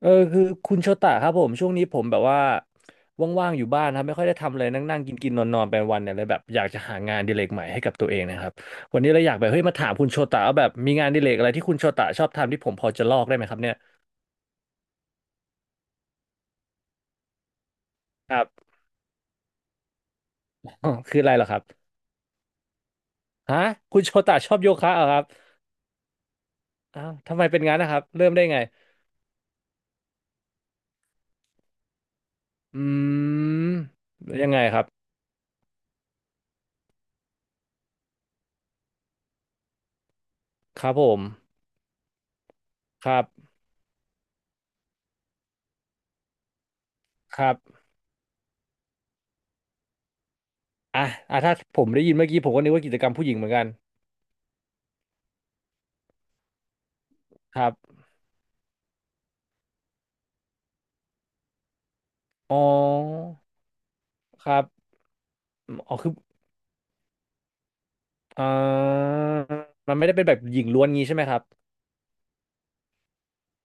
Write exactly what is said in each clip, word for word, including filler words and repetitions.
เออคือคุณโชตะครับผมช่วงนี้ผมแบบว่าว่างๆอยู่บ้านนะครับไม่ค่อยได้ทำอะไรนั่งๆกินๆนอนๆไปวันเนี่ยเลยแบบอยากจะหางานอดิเรกใหม่ให้กับตัวเองนะครับวันนี้เราอยากแบบเฮ้ยมาถามคุณโชตะว่าแบบมีงานอดิเรกอะไรที่คุณโชตะชอบทำที่ผมพอจะลอกได้ไหมครับเนี่ยครับ อ๋อคืออะไรเหรอครับฮะคุณโชตะชอบโยคะเหรอครับอ้าวทำไมเป็นงั้นนะครับเริ่มได้ไงอืมยังไงครับครับผมครับครับอ่ะอ่ะถ้าผมได้ยินเมื่อกี้ผมก็นึกว่ากิจกรรมผู้หญิงเหมือนกันครับอ๋อครับ อ๋อคืออ่ามันไม่ได้เป็นแบบหญิงล้วนงี้ใช่ไหมครับ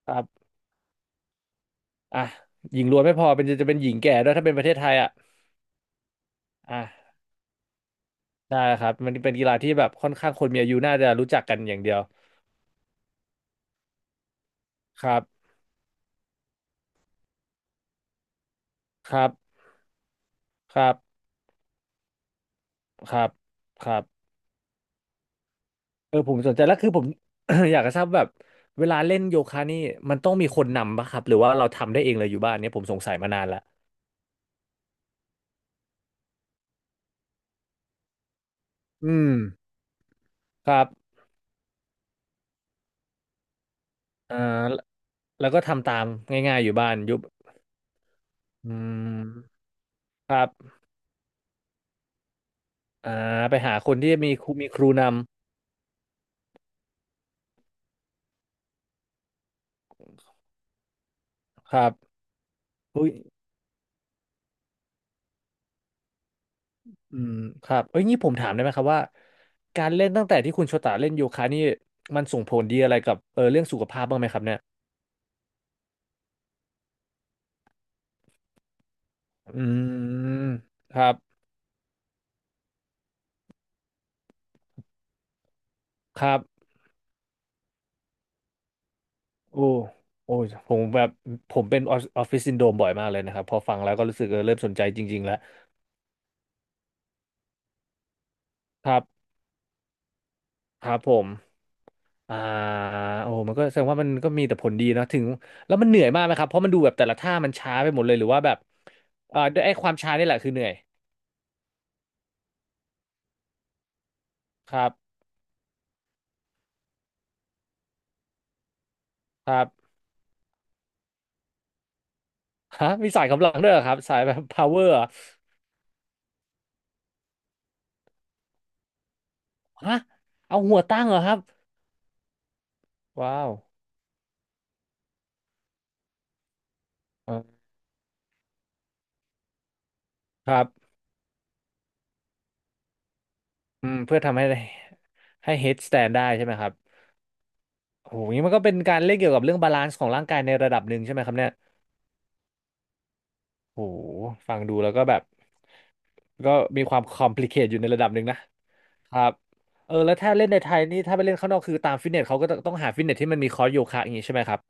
ครับอ่ะหญิงล้วนไม่พอเป็นจะจะเป็นหญิงแก่ด้วยถ้าเป็นประเทศไทยอ่ะอ่ะได้ครับมันเป็นกีฬาที่แบบค่อนข้างคนมีอายุน่าจะรู้จักกันอย่างเดียวครับครับครับครับครับเออผมสนใจแล้วคือผม อยากจะทราบแบบเวลาเล่นโยคะนี่มันต้องมีคนนำป่ะครับหรือว่าเราทำได้เองเลยอยู่บ้านเนี่ยผมสงสัยมานานละอืมครับอ่าแล้วแล้วก็ทำตามง่ายๆอยู่บ้านยุบอืมครับ อ่าไปหาคนที่มีครูมีครูนำครับอุ้ยอืมครับเอ้ยนี่ผมถามได้ไหมครับว่าการเล่นตั้งแต่ที่คุณโชตาเล่นโยคะนี่มันส่งผลดีอะไรกับเออเรื่องสุขภาพบ้างไหมครับเนี่ยอืมครับครับโอ้โอ้ยผมแบบผมเป็นออฟฟิศซินโดรมบ่อยมากเลยนะครับพอฟังแล้วก็รู้สึกเออเริ่มสนใจจริงๆแล้วครับครับผม อ่าโอ้โหมันก็แสดงว่ามันก็มีแต่ผลดีเนอะถึงแล้วมันเหนื่อยมากไหมครับเพราะมันดูแบบแต่ละท่ามันช้าไปหมดเลยหรือว่าแบบอ่าด้วยไอ้ความช้านี่แหละคือเหนื่อยครับครับฮะมีสายกำลังด้วยเหรอครับสายแบบ power เหรอฮะเอาหัวตั้งเหรอครับว้าวเออครับอืมเพื่อทำให้ให้ head stand ได้ใช่ไหมครับโอ้โหนี่มันก็เป็นการเล่นเกี่ยวกับเรื่องบาลานซ์ของร่างกายในระดับหนึ่งใช่ไหมครับเนี่ยโอ้โหฟังดูแล้วก็แบบก็มีความ complicate อยู่ในระดับหนึ่งนะ ครับเออแล้วถ้าเล่นในไทยนี่ถ้าไปเล่นข้างนอกคือตามฟิตเนสเขาก็ต้องต้องหาฟิตเนสที่มันมีคอร์สโยคะอย่างนี้ใช่ไหมครับ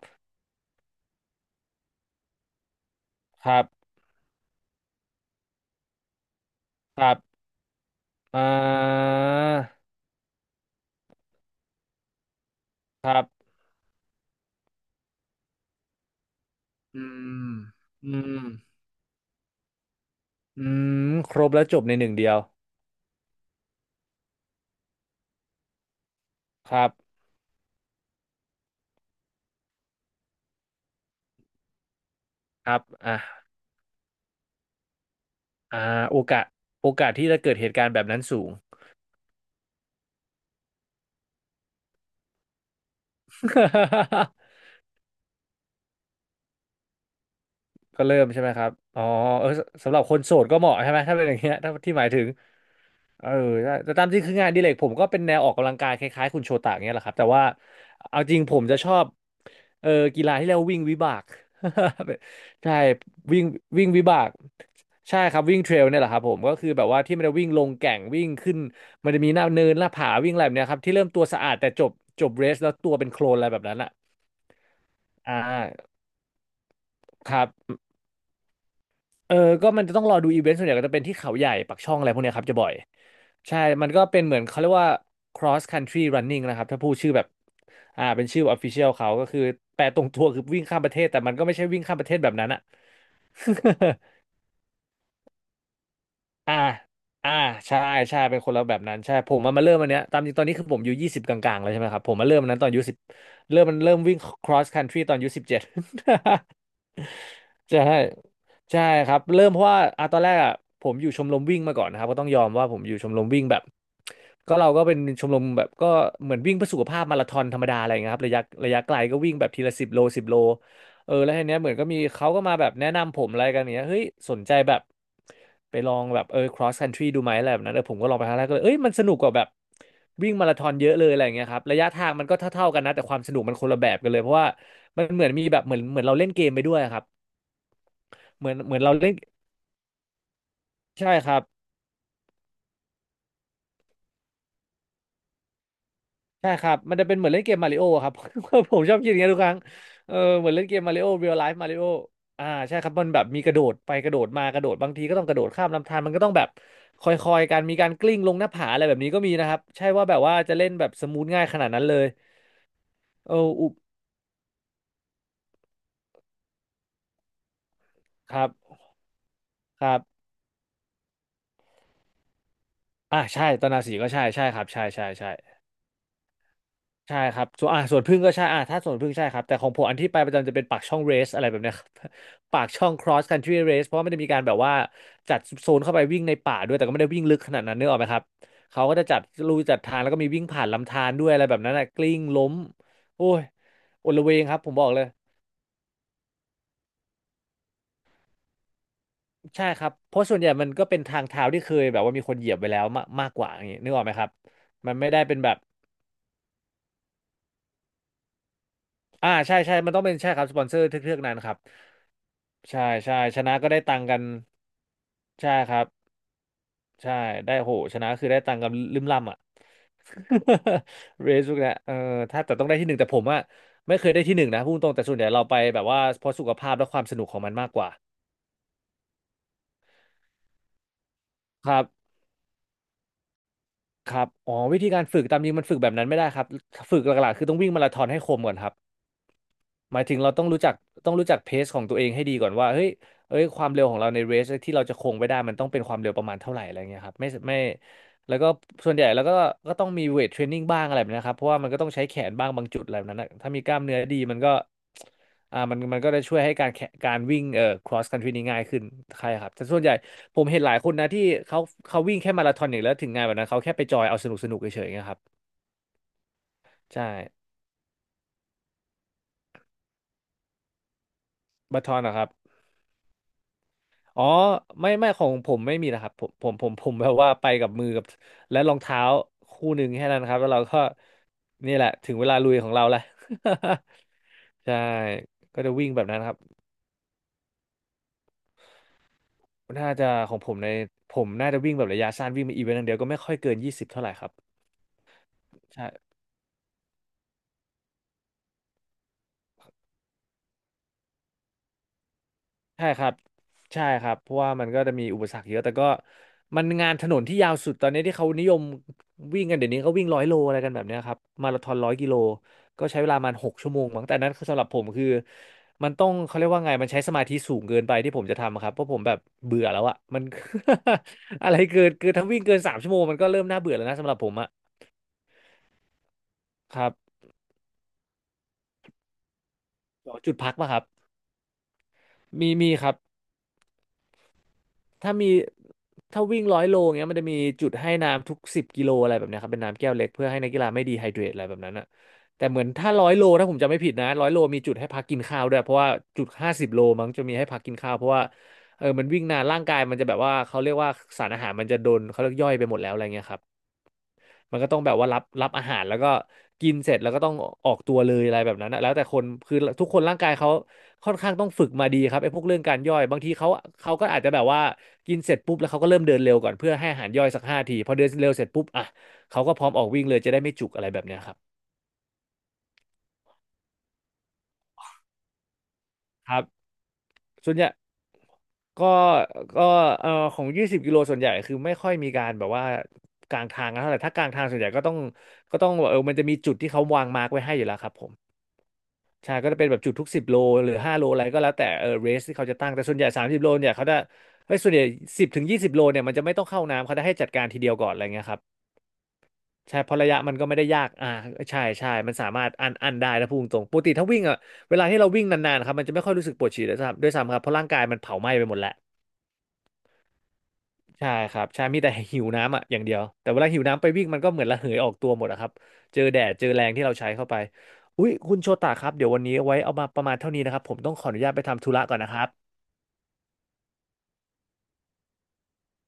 ครับครับอ่าครับอืมอืมอืมครบแล้วจบในหนึ่งเดียวครับครับอ่าอ่าโอกาสโอกาสที่จะเกิดเหตุการณ์แบบนั้นสูง ก็เริ่มใช่ไหมครับอ๋อเออสสำหรับคนโสดก็เหมาะใช่ไหมถ้าเป็นอย่างเงี้ยถ้าที่หมายถึง เออแต่แต่ตามที่คืองานอดิเรกผมก็เป็นแนวออกกำลังกายคล้ายๆคุณโชตะเงี้ยแหละครับแต่ว่าเอาจริงผมจะชอบเออกีฬาที่เรียกว่าวิ่งวิบาก ใช่วิ่งวิ่งวิบากใช่ครับวิ่งเทรลเนี่ยแหละครับผมก็คือแบบว่าที่มันจะวิ่งลงแก่งวิ่งขึ้นมันจะมีหน้าเนินหน้าผาวิ่งอะไรแบบเนี้ยครับที่เริ่มตัวสะอาดแต่จบจบเรสแล้วตัวเป็นโคลนอะไรแบบนั้นอ่ะอ่าครับเออก็มันจะต้องรอดูอีเวนต์ส่วนใหญ่ก็จะเป็นที่เขาใหญ่ปักช่องอะไรพวกเนี้ยครับจะบ่อย ใช่มันก็เป็นเหมือนเขาเรียกว่า cross country running นะครับถ้าพูดชื่อแบบอ่าเป็นชื่อ official เขาก็คือแปลตรงตัวคือวิ่งข้ามประเทศแต่มันก็ไม่ใช่วิ่งข้ามประเทศแบบนั้นอะ อ่าอ่าใช่ใช่เป็นคนละแบบนั้นใช่ผมมามาเริ่มอันเนี้ยตามจริงตอนนี้คือผมอายู่ยี่สิบกลางๆแล้วใช่ไหมครับผมมาเริ่มอันนั้นตอนอายุสิบเริ่มมันเริ่มวิ่ง cross country ตอนอายุสิบเจ็ด ใช่ใช่ครับเริ่มเพราะว่าอ่ะตอนแรกอ่ะผมอยู่ชมรมวิ่งมาก่อนนะครับก็ต้องยอมว่าผมอยู่ชมรมวิ่งแบบก็เราก็เป็นชมรมแบบก็เหมือนวิ่งเพื่อสุขภาพมาราธอนธรรมดาอะไรอย่างเงี้ยครับระยะระยะไกลก็วิ่งแบบทีละสิบโลสิบโลเออแล้วทีเนี้ยเหมือนก็มีเขาก็มาแบบแนะนำผมอะไรกันอย่างเงี้ยเฮ้ยสนใจแบบไปลองแบบเออ cross country ดูไหมอะไรแบบนั้นเออผมก็ลองไปครั้งแรกก็เลยเอ้ยมันสนุกกว่าแบบวิ่งมาราธอนเยอะเลยอะไรอย่างเงี้ยครับระยะทางมันก็เท่าๆกันนะแต่ความสนุกมันคนละแบบกันเลยเพราะว่ามันเหมือนมีแบบเหมือนเหมือนเราเล่นเกมไปด้วยครับ เหมือนเหมือนเราเล่นใช่ครับใช่ครับมันจะเป็นเหมือนเล่นเกมมาริโอครับ ผมชอบคิดอย่างนี้ยทุกครั้งเออเหมือนเล่นเกมมาริโอเรียลไลฟ์มาริโออ่าใช่ครับมันแบบมีกระโดดไปกระโดดมากระโดดบางทีก็ต้องกระโดดข้ามลำธารมันก็ต้องแบบคอยๆกันมีการกลิ้งลงหน้าผาอะไรแบบนี้ก็มีนะครับใช่ว่าแบบว่าจะเล่นแบบสมูทง่ายขนาดนั้นเลยเอออุบครับครับอ่าใช่ตอนนาสีก็ใช่ใช่ครับใช่ใช่ใช่ ใช่ครับส่วนอ่าส่วนพึ่งก็ใช่อ่าถ้าส่วนพึ่งใช่ครับแต่ของผมอันที่ไปประจำจะเป็นปากช่องเรสอะไรแบบเนี้ย ครับ ปากช่อง cross country race เพราะว่าไม่ได้มีการแบบว่าจัดโซนเข้าไปวิ่งในป่าด้วยแต่ก็ไม่ได้วิ่งลึกขนาดนั้นนึกออกไหมครับเขาก็จะจัดลู่จัดทางแล้วก็มีวิ่งผ่านลำธารด้วยอะไรแบบนั้นนะกลิ้งล้มโอ้ยอลเวงครับผมบอกเลยใช่ครับเพราะส่วนใหญ่มันก็เป็นทางเท้าที่เคยแบบว่ามีคนเหยียบไปแล้วมากมากกว่าอย่างนี้นึกออกไหมครับมันไม่ได้เป็นแบบอ่าใช่ใช่มันต้องเป็นใช่ครับสปอนเซอร์เทือกๆนั้นครับ ใช่ใช่ชนะก็ได้ตังค์กันใช่ครับใช่ได้โหชนะคือได้ตังค์กันลืมล่ำอ่ะ เรซุกนะเออถ้าแต่ต้องได้ที่หนึ่งแต่ผมอ่ะไม่เคยได้ที่หนึ่งนะพูดตรงแต่ส่วนใหญ่เราไปแบบว่าเพราะสุขภาพและความสนุกของมันมากกว่าครับครับอ๋อวิธีการฝึกตามจริงมันฝึกแบบนั้นไม่ได้ครับฝึกหลักๆคือต้องวิ่งมาราธอนให้คมก่อนครับ หมายถึงเราต้องรู้จักต้องรู้จักเพสของตัวเองให้ดีก่อนว่าเฮ้ยเอ้ยความเร็วของเราในเรสที่เราจะคงไว้ได้มันต้องเป็นความเร็วประมาณเท่าไหร่อะไรเงี้ยครับไม่ไม่แล้วก็ส่วนใหญ่แล้วก็ก็ต้องมีเวทเทรนนิ่งบ้างอะไรแบบนี้นะครับเพราะว่ามันก็ต้องใช้แขนบ้างบางจุดอะไรแบบนั้นนะถ้ามีกล้ามเนื้อดีมันก็อ่ามันมันก็จะช่วยให้การแขการวิ่งเอ่อ cross country นี่ง่ายขึ้นใช่ครับแต่ส่วนใหญ่ผมเห็นหลายคนนะที่เขาเขาวิ่งแค่มาราธอนอย่างเดียวแล้วถึงงานแบบนั้นเขาแค่ไปจอยเอาสนุกสนุกเฉยๆนะครับใช่มาราธอนนะครับ อ๋อไม่ไม่ของผมไม่มีนะครับผมผมผมผมแบบว่าไปกับมือกับและรองเท้าคู่หนึ่งแค่นั้นครับแล้วเราก็นี่แหละถึงเวลาลุยของเราแล้ว ใช่ก็จะวิ่งแบบนั้นครับน่าจะของผมในผมน่าจะวิ่งแบบระยะสั้นวิ่งเป็นอีเวนต์อย่างเดียวก็ไม่ค่อยเกินยี่สิบเท่าไหร่ครับใช่ ใช่ครับใช่ครับ เพราะว่ามันก็จะมีอุปสรรคเยอะแต่ก็มันงานถนนที่ยาวสุดตอนนี้ที่เขานิยมวิ่งกันเดี๋ยวนี้ก็วิ่งร้อยโลอะไรกันแบบเนี้ยครับ มาราธอนร้อยกิโล ก็ใช้เวลามันหกชั่วโมงมั้งแต่อันนั้นคือสำหรับผมคือมันต้องเขาเรียกว่าไง มันใช้สมาธิสูงเกินไปที่ผมจะทำอะครับ เพราะผมแบบเบื่อแล้วอะมัน อะไรเกินเกินถ้าวิ่งเกินสามชั่วโมงมันก็เริ่มน่าเบื่อแล้วนะสำหรับผมอะครับขอจุดพักป่ะครับมีมีครับ ถ้ามีถ้าวิ่งร้อยโลเงี้ยมันจะมีจุดให้น้ำทุกสิบกิโลอะไรแบบเนี้ยครับเป็นน้ำแก้วเล็กเพื่อให้นักกีฬาไม่ดีไฮเดรตอะไรแบบนั้นอะแต่เหมือนถ้าร้อยโลถ้าผมจำไม่ผิดนะร้อยโลมีจุดให้พักกินข้าวด้วยเพราะว่าจุดห้าสิบโลมั้งจะมีให้พักกินข้าวเพราะว่าเออมันวิ่งนานร่างกายมันจะแบบว่าเขาเรียกว่าสารอาหารมันจะโดนเขาเรียกย่อยไปหมดแล้วอะไรเงี้ยครับ มันก็ต้องแบบว่ารับรับอาหารแล้วก็กินเสร็จแล้วก็ต้องออกตัวเลยอะไรแบบนั้นนะแล้วแต่คนคือทุกคนร่างกายเขาค่อนข้างต้องฝึกมาดีครับไอ้พวกเรื่องการย่อยบางทีเขาเขาก็อาจจะแบบว่ากินเสร็จปุ๊บแล้วเขาก็เริ่มเดินเร็วก่อนเพื่อให้อาหารย่อยสักห้าทีพอเดินเร็วเสร็จปุ๊บอ่ะเขาก็พร้อมออกวิ่งเลยจะได้ไม่จุกอะไรแบบเนี้ยครับครับส่วนใหญ่ก็ก็เอ่อของยี่สิบกิโลส่วนใหญ่คือไม่ค่อยมีการแบบว่ากลางทางกันเท่าไหร่ถ้ากลางทางส่วนใหญ่ก็ต้องก็ต้องเออมันจะมีจุดที่เขาวางมาร์กไว้ให้อยู่แล้วครับผม ใช่ก็จะเป็นแบบจุดทุกสิบโลหรือห้าโลอะไรก็แล้วแต่เออเรสที่เขาจะตั้งแต่ส่วนใหญ่สามสิบโลเนี่ยเขาจะเฮ้ยส่วนใหญ่สิบถึงยี่สิบโลเนี่ยมันจะไม่ต้องเข้าน้ำเขาจะให้จัดการทีเดียวก่อนอะไรเงี้ยครับใช่เพราะระยะมันก็ไม่ได้ยากอ่าใช่ใช่มันสามารถอันอันได้นะพูดตรงปกติถ้าวิ่งอ่ะเวลาที่เราวิ่งนานๆครับมันจะไม่ค่อยรู้สึกปวดฉี่ด้วยซ้ำด้วยซ้ำครับเพราะร่างกายมันเผาไหม้ไปหมดแล้ว ใช่ครับ ใช่มีแต่หิวน้ำอ่ะอย่างเดียว แต่เวลาหิวน้ำไปวิ่งมันก็เหมือนระเหยออกตัวหมดอะครับ เจอแดด เจอแรงที่เราใช้เข้าไป อุ๊ยคุณโชตาครับ เดี๋ยววันนี้เอาไว้เอามาประมาณเท่านี้นะครับ ผมต้องขออนุญาตไปทำธุระก่อนนะครับ